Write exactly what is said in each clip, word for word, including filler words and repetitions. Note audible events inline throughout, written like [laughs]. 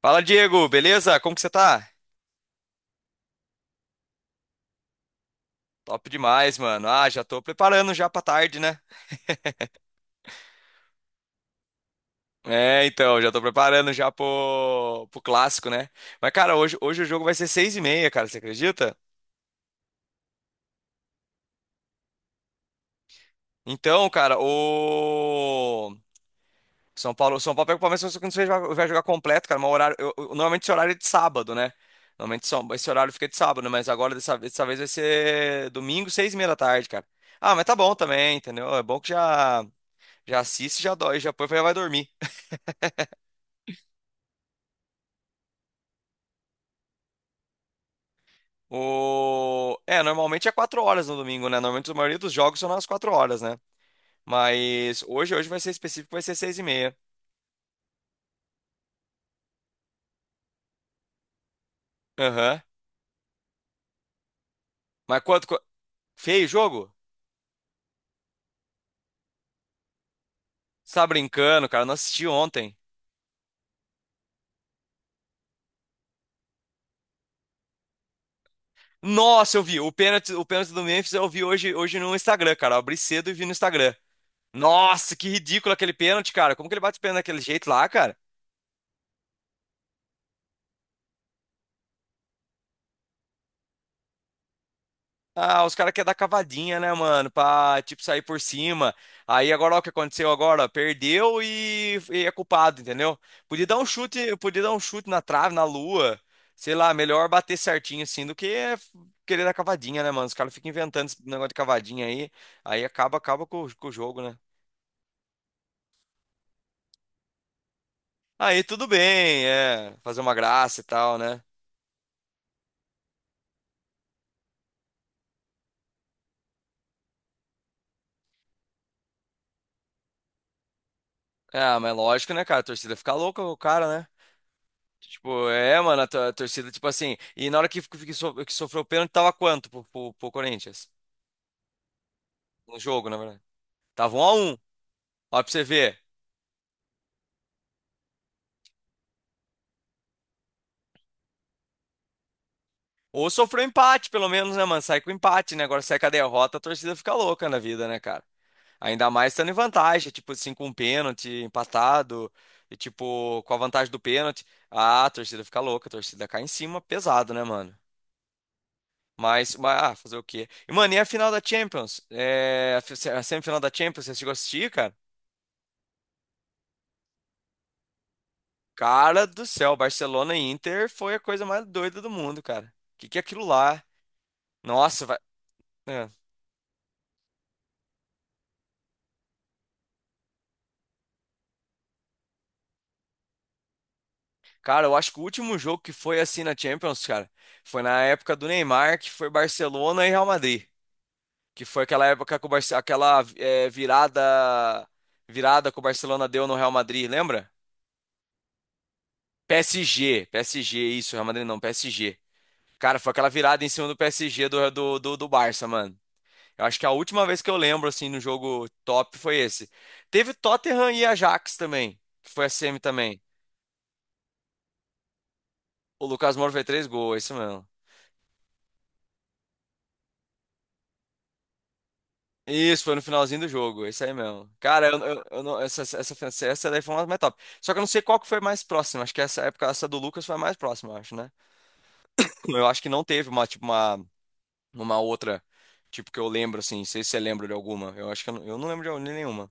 Fala, Diego, beleza? Como que você tá? Top demais, mano. Ah, já tô preparando já pra tarde, né? É, então, já tô preparando já pro, pro clássico, né? Mas, cara, hoje, hoje o jogo vai ser seis e meia, cara, você acredita? Então, cara, o São Paulo, São Paulo pega o Palmeiras, só que não sei se vai vai jogar completo, cara, mas o horário, eu- eu- normalmente esse horário é de sábado, né? Normalmente são- esse horário fica de sábado, né? Mas agora dessa, vez- dessa vez vai ser domingo, seis e meia da tarde, cara. Ah, mas tá bom também, entendeu? É bom que já, já assiste, já dói, já põe, já vai dormir. O... É, normalmente é quatro horas no domingo, né? Normalmente a maioria dos jogos são nas quatro horas, né? Mas hoje, hoje vai ser específico, vai ser seis e meia. Aham. Mas quanto... co- Feio o jogo? Você tá brincando, cara. Eu não assisti ontem. Nossa, eu vi. O pênalti, o pênalti do Memphis eu vi hoje, hoje no Instagram, cara. Eu abri cedo e vi no Instagram. Nossa, que ridículo aquele pênalti, cara. Como que ele bate o pênalti daquele jeito lá, cara? Ah, os caras querem dar cavadinha, né, mano? Pra, tipo, sair por cima. Aí agora, ó, o que aconteceu agora? Ó, perdeu e, e é culpado, entendeu? Podia dar um chute, podia dar um chute na trave, na lua. Sei lá, melhor bater certinho assim do que querer dar cavadinha, né, mano? Os caras ficam inventando esse negócio de cavadinha aí. Aí acaba, acaba com, o- com o jogo, né? Aí tudo bem, é. Fazer uma graça e tal, né? Ah, mas lógico, né, cara? A torcida fica louca com o cara, né? Tipo, é, mano, a, to- a torcida, tipo assim. E na hora que, que, so- que sofreu o pênalti, tava quanto pro, pro, pro Corinthians? No jogo, na verdade. Tava um a um. Ó, pra você ver. Ou sofreu empate, pelo menos, né, mano? Sai com empate, né? Agora sai com a derrota, a torcida fica louca na vida, né, cara? Ainda mais estando em vantagem, tipo assim, com um pênalti empatado, e tipo, com a vantagem do pênalti. Ah, a torcida fica louca, a torcida cai em cima, pesado, né, mano? Mas, mas ah, fazer o quê? E, mano, e a final da Champions? É, a fi- a semifinal da Champions, você chegou a assistir, cara? Cara do céu, Barcelona e Inter foi a coisa mais doida do mundo, cara. Que que é aquilo lá? Nossa, vai. É. Cara, eu acho que o último jogo que foi assim na Champions, cara, foi na época do Neymar, que foi Barcelona e Real Madrid, que foi aquela época que o Barce... aquela é, virada virada que o Barcelona deu no Real Madrid, lembra? P S G, P S G, isso, Real Madrid não, P S G. Cara, foi aquela virada em cima do P S G do do do, do Barça, mano. Eu acho que a última vez que eu lembro, assim, no jogo top foi esse. Teve Tottenham e Ajax também, que foi a semi também. O Lucas Moura fez três gols, é isso mesmo. Isso, foi no finalzinho do jogo, é isso aí mesmo. Cara, eu, eu- eu não- essa, essa, essa essa daí foi uma mais top. Só que eu não sei qual que foi mais próxima. Acho que essa época, essa do Lucas foi a mais próxima, eu acho, né? Eu acho que não teve uma, tipo, uma, uma outra, tipo, que eu lembro, assim. Não sei se você lembra de alguma. Eu acho que eu não, eu não lembro de nenhuma.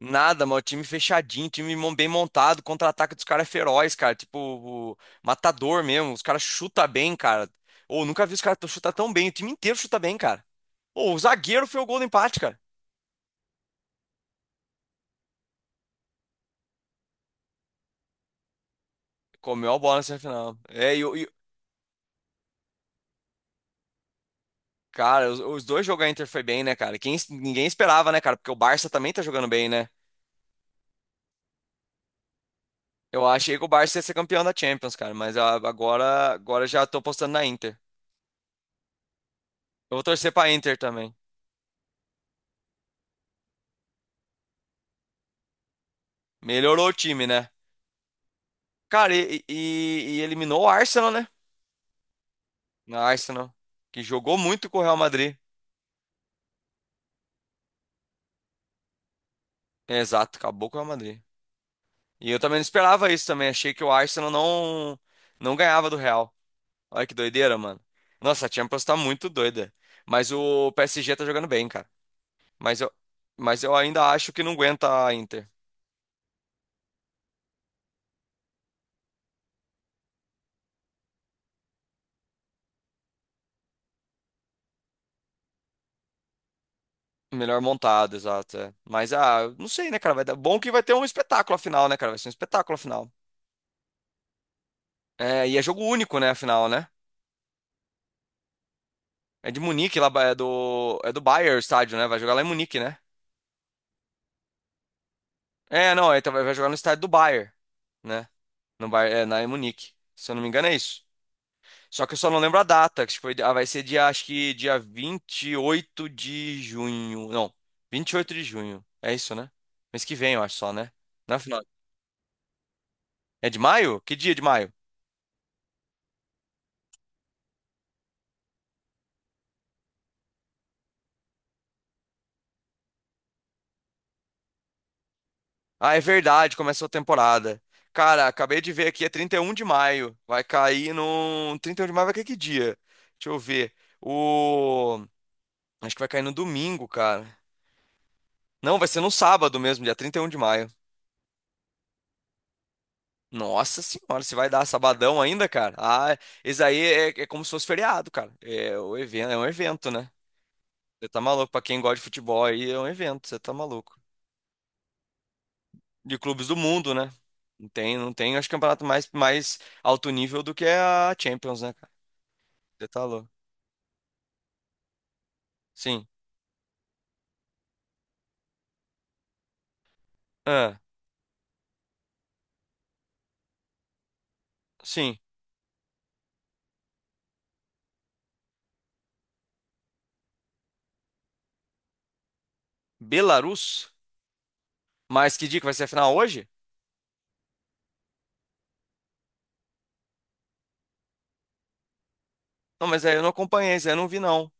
Nada, mano. Time fechadinho, time mon- bem montado, contra-ataque dos caras é feroz, cara. Tipo, o- matador mesmo. Os caras chutam bem, cara. Ou nunca vi os caras t- chutar tão bem. O time inteiro chuta bem, cara. Ou o zagueiro foi o gol do empate, cara. Comeu a bola na semifinal. É, e, o- e- cara, os, os dois jogos da Inter foi bem, né, cara? Quem, ninguém esperava, né, cara? Porque o Barça também tá jogando bem, né? Eu achei que o Barça ia ser campeão da Champions, cara. Mas a- agora, agora já tô apostando na Inter. Eu vou torcer pra Inter também. Melhorou o time, né? Cara, e, e- e eliminou o Arsenal, né? Na Arsenal, que jogou muito com o Real Madrid. É, exato, acabou com o Real Madrid. E eu também não esperava isso também. Achei que o Arsenal não, não ganhava do Real. Olha que doideira, mano. Nossa, a Champions tá muito doida. Mas o P S G tá jogando bem, cara. Mas eu, mas eu ainda acho que não aguenta a Inter. Melhor montado, exato. É. Mas, ah, eu não sei, né, cara? Vai dar. Bom que vai ter um espetáculo afinal, né, cara? Vai ser um espetáculo afinal. É, e é jogo único, né, afinal, né? É de Munique, lá é do é do Bayern o estádio, né? Vai jogar lá em Munique, né? É, não, é, então vai vai jogar no estádio do Bayern, né? No Bayern, é, na em Munique. Se eu não me engano é isso. Só que eu só não lembro a data, que foi, ah, vai ser dia, acho que dia vinte e oito de junho. Não, vinte e oito de junho. É isso, né? Mês que vem, eu acho só, né? Não é final. É de maio? Que dia de maio? Ah, é verdade, começou a temporada. Cara, acabei de ver aqui, é trinta e um de maio. Vai cair no trinta e um de maio vai cair que dia? Deixa eu ver. O Acho que vai cair no domingo, cara. Não, vai ser no sábado mesmo, dia trinta e um de maio. Nossa senhora, se vai dar sabadão ainda, cara? Ah, esse aí é, é como se fosse feriado, cara. É, o evento, é um evento, né? Você tá maluco. Pra quem gosta de futebol aí, é um evento, você tá maluco. De clubes do mundo, né? Não tem, não tem, acho que campeonato mais, mais alto nível do que a Champions, né, cara? Você tá louco. Sim. Ah, sim. Belarus? Mas que dia que vai ser a final hoje? Não, mas aí eu não acompanhei, isso aí eu não vi, não.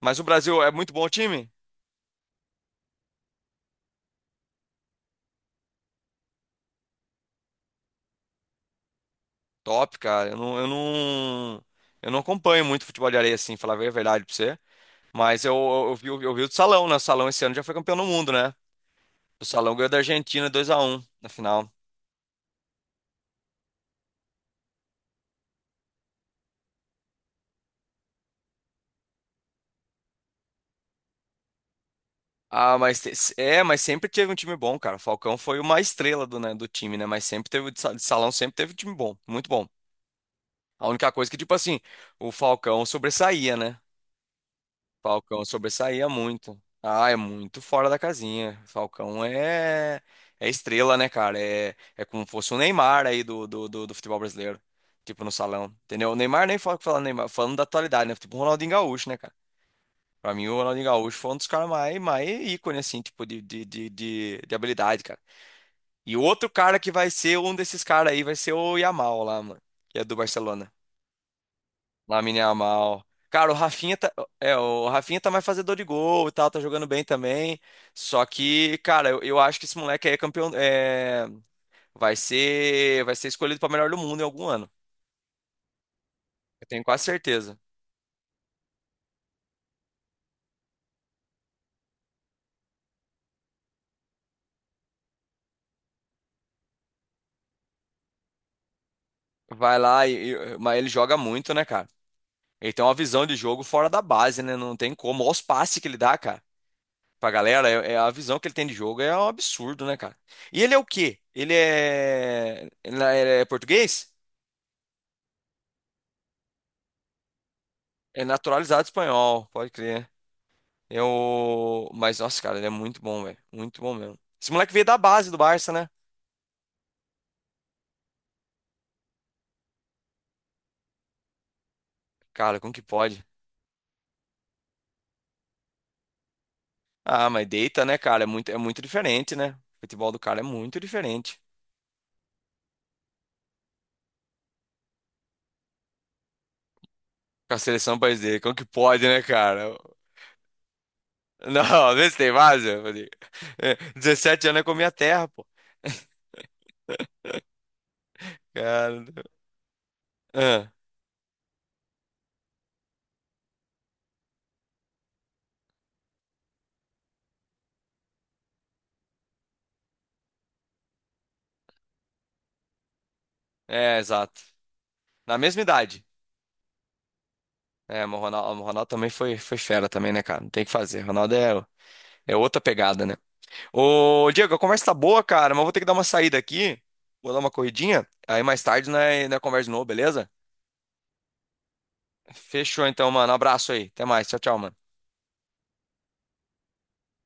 Mas o Brasil é muito bom time? Top, cara. Eu não, eu não, eu não acompanho muito futebol de areia assim, falar bem a verdade pra você. Mas eu, eu, eu vi, o- eu vi o do Salão, né? O Salão esse ano já foi campeão do mundo, né? O Salão ganhou da Argentina dois a um na final. Ah, mas te- é, mas sempre teve um time bom, cara. O Falcão foi uma estrela do, né, do time, né? Mas sempre teve, o de sa- de Salão sempre teve um time bom, muito bom. A única coisa que, tipo assim, o Falcão sobressaía, né? Falcão sobressaía muito. Ah, é muito fora da casinha. Falcão é, é, estrela, né, cara? É, é como fosse o Neymar aí do, do, do, do futebol brasileiro. Tipo, no salão. Entendeu? O Neymar nem fala falando Neymar, falando da atualidade, né? Tipo o Ronaldinho Gaúcho, né, cara? Pra mim, o Ronaldinho Gaúcho foi um dos caras mais, mais ícone, assim, tipo, de, de, de, de, de habilidade, cara. E outro cara que vai ser um desses caras aí vai ser o Yamal lá, mano. Que é do Barcelona. Lamine Yamal. Cara, o Rafinha tá, é, o Rafinha tá mais fazedor de gol e tal, tá jogando bem também. Só que, cara, eu, eu acho que esse moleque aí é campeão, é, vai ser, vai ser escolhido pra melhor do mundo em algum ano. Eu tenho quase certeza. Vai lá e, e- mas ele joga muito, né, cara? Ele tem uma visão de jogo fora da base, né? Não tem como. Olha os passes que ele dá, cara. Pra galera, é, é, a visão que ele tem de jogo é um absurdo, né, cara? E ele é o quê? Ele é, ele é português? É naturalizado espanhol, pode crer. Eu. Mas, nossa, cara, ele é muito bom, velho. Muito bom mesmo. Esse moleque veio da base do Barça, né? Cara, como que pode? Ah, mas deita, né, cara? É muito, é muito diferente, né? O futebol do cara é muito diferente. Com a seleção do país dele, como que pode, né, cara? Não, [laughs] vê se tem base. Eu falei, é, dezessete anos é com a minha terra, pô. [laughs] Cara. ah, É, exato. Na mesma idade. É, mas o Ronaldo, o Ronaldo também foi, foi fera também, né, cara? Não tem o que fazer. O Ronaldo é, é, outra pegada, né? Ô, Diego, a conversa tá boa, cara, mas eu vou ter que dar uma saída aqui. Vou dar uma corridinha. Aí mais tarde, né, né, conversa de novo, beleza? Fechou então, mano. Abraço aí. Até mais. Tchau, tchau, mano.